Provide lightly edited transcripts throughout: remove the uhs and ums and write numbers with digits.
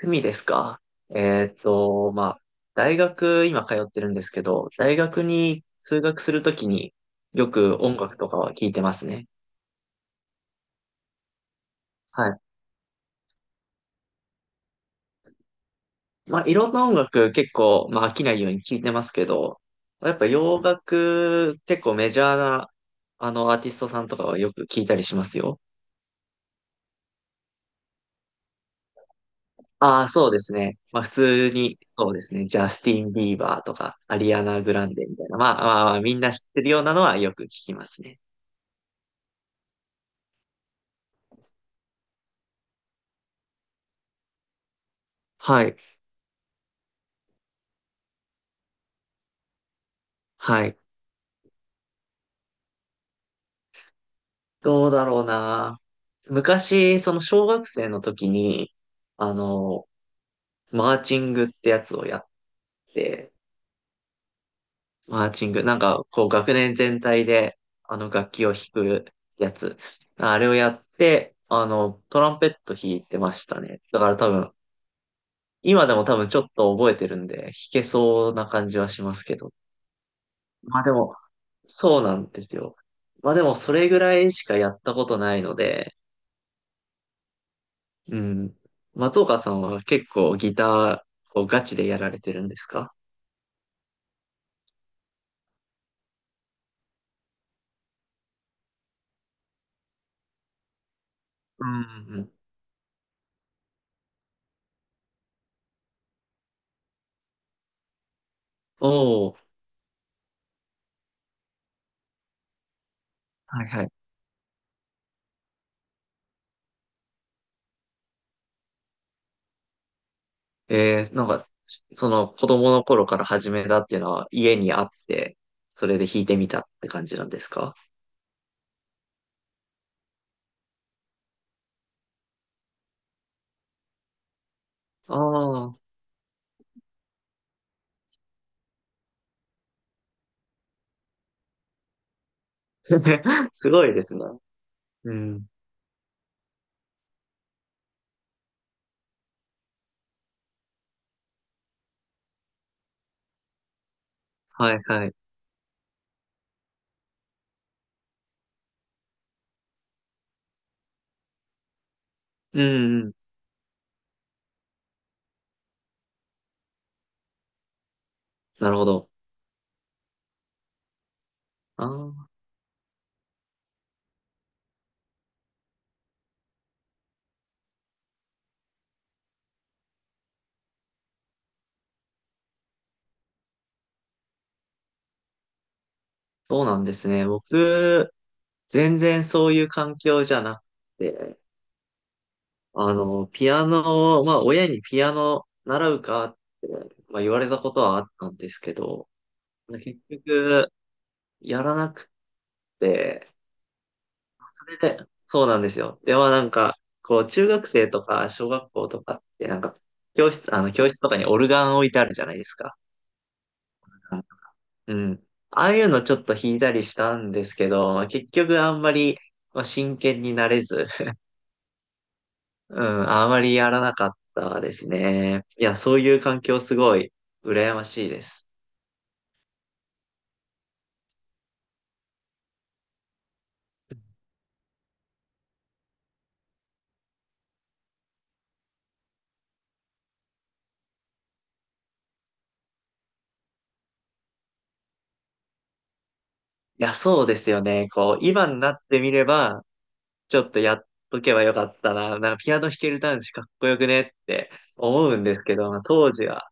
趣味ですか。まあ、大学、今通ってるんですけど、大学に通学するときによく音楽とかは聞いてますね。はい。まあ、いろんな音楽結構、まあ、飽きないように聞いてますけど、やっぱ洋楽、結構メジャーな、アーティストさんとかはよく聞いたりしますよ。ああ、そうですね。まあ、普通に、そうですね。ジャスティン・ビーバーとか、アリアナ・グランデみたいな、まあ、まあ、まあみんな知ってるようなのはよく聞きますね。はい。はい。どうだろうな。昔、その小学生の時に、あの、マーチングってやつをやって、マーチング、なんか、こう、学年全体で、楽器を弾くやつ。あれをやって、あの、トランペット弾いてましたね。だから多分、今でも多分ちょっと覚えてるんで、弾けそうな感じはしますけど。まあでも、そうなんですよ。まあでも、それぐらいしかやったことないので、うん。松岡さんは結構ギターをガチでやられてるんですか？うんうん。おお、はいはい。えー、なんか、その子供の頃から始めたっていうのは家にあって、それで弾いてみたって感じなんですか？ああー、すごいですね。うん。はいはい。うんうん。なるほど。ああ、そうなんですね。僕、全然そういう環境じゃなくて、あの、ピアノを、まあ、親にピアノ習うかって、まあ、言われたことはあったんですけど、結局、やらなくて、それで、そうなんですよ。では、なんか、こう、中学生とか、小学校とかって、なんか、教室、教室とかにオルガン置いてあるじゃないですか。うん。ああいうのちょっと弾いたりしたんですけど、結局あんまり、まあ、真剣になれず、うん、あまりやらなかったですね。いや、そういう環境すごい羨ましいです。いや、そうですよね。こう、今になってみれば、ちょっとやっとけばよかったな。なんかピアノ弾ける男子かっこよくねって思うんですけど、まあ、当時は、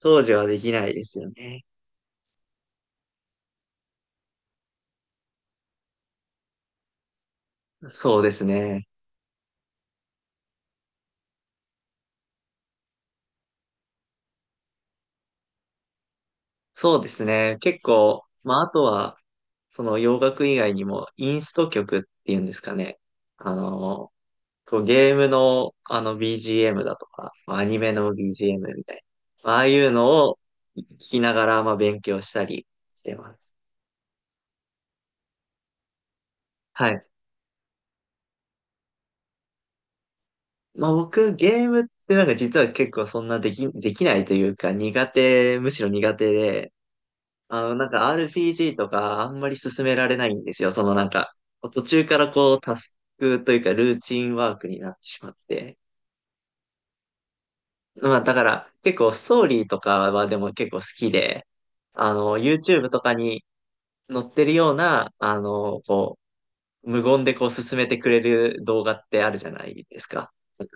当時はできないですよね。そうですね。そうですね。結構、まあ、あとは、その洋楽以外にも、インスト曲っていうんですかね。あの、こうゲームのあの BGM だとか、アニメの BGM みたいな、まああいうのを聞きながらまあ勉強したりしてます。はい。まあ僕ゲームってなんか実は結構そんなできないというかむしろ苦手で、あのなんか RPG とかあんまり進められないんですよ。そのなんか途中からこうタスクというかルーチンワークになってしまって。まあだから結構ストーリーとかはでも結構好きで、あの YouTube とかに乗ってるような、あの、こう、無言でこう進めてくれる動画ってあるじゃないですか。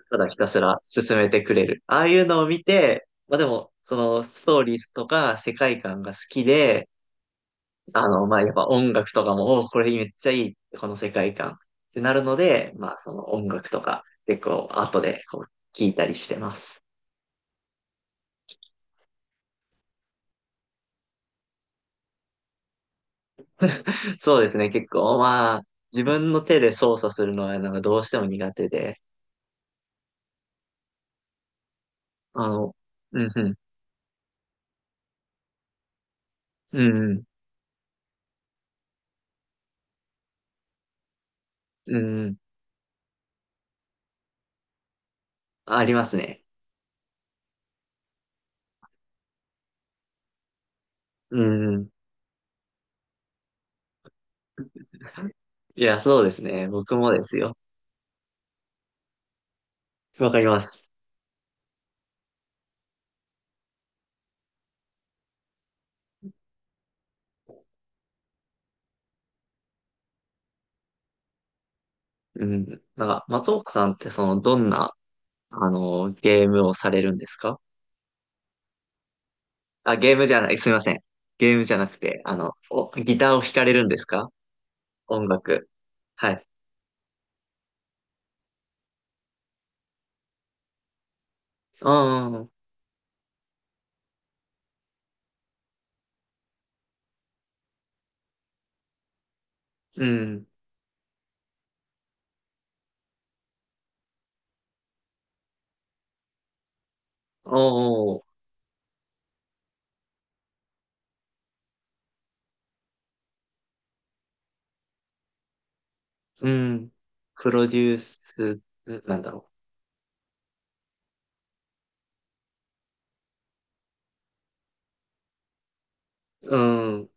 ただひたすら進めてくれる。ああいうのを見て、まあでも、そのストーリーとか世界観が好きで、あの、まあやっぱ音楽とかも、おーこれめっちゃいい、この世界観ってなるので、まあその音楽とか結構後でこう聞いたりしてます。そうですね、結構まあ自分の手で操作するのはなんかどうしても苦手で、あの、うんうん、うんうん。うん。ありますね。うん。いや、そうですね。僕もですよ。わかります。うん。なんか、松岡さんって、その、どんな、ゲームをされるんですか？あ、ゲームじゃない、すみません。ゲームじゃなくて、あの、お、ギターを弾かれるんですか？音楽。はい。ああ、うん。おー、うん。プロデュース、んなんだろう。うん。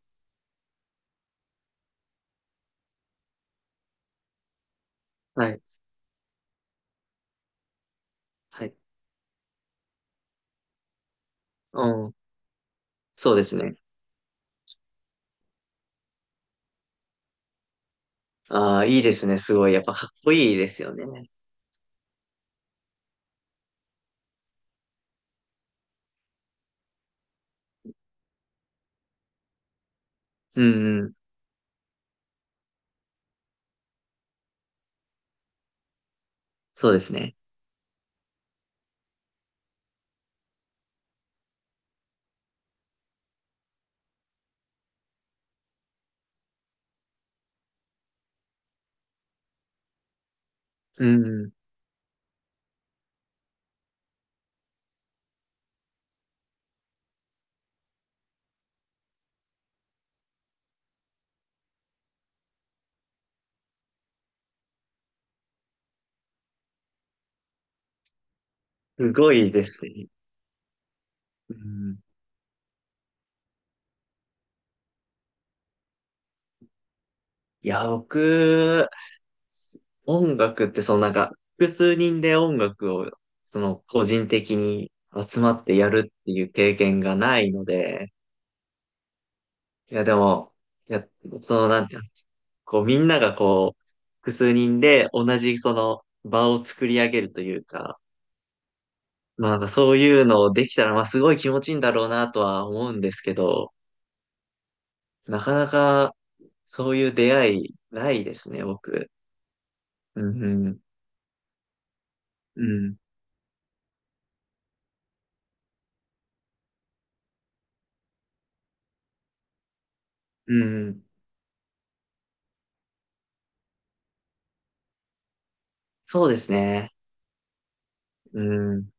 はい。はい。うん。そうですね。ああ、いいですね。すごい。やっぱかっこいいですよね。うんうん。そうですね。うんすごいですね。うん。いや、僕、音楽ってそのなんか、複数人で音楽を、その個人的に集まってやるっていう経験がないので、いや、でも、いや、そのなんていうの、こうみんながこう、複数人で同じその場を作り上げるというか、まあなんかそういうのをできたら、まあすごい気持ちいいんだろうなとは思うんですけど、なかなか、そういう出会いないですね、僕。うん、うん、うん、うん。そうですね。うん、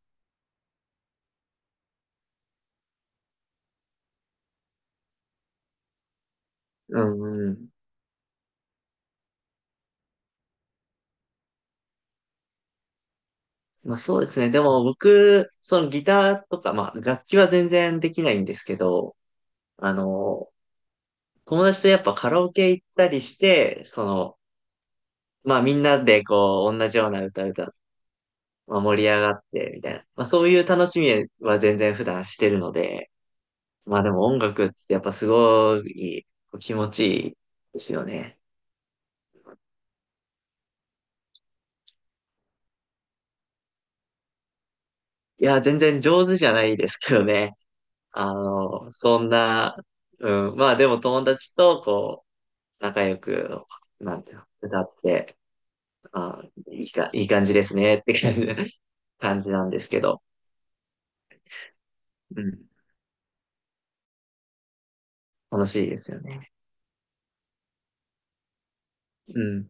うん、うん。まあそうですね。でも僕、そのギターとか、まあ楽器は全然できないんですけど、あの、友達とやっぱカラオケ行ったりして、その、まあみんなでこう、同じような歌歌、まあ、盛り上がって、みたいな。まあそういう楽しみは全然普段してるので、まあでも音楽ってやっぱすごいこう気持ちいいですよね。いや、全然上手じゃないですけどね。あの、そんな、うん、まあでも友達とこう、仲良く、なんていうの、歌って、あ、いいか、いい感じですねって感じ、感じなんですけど、うん、楽しいですよね。うん。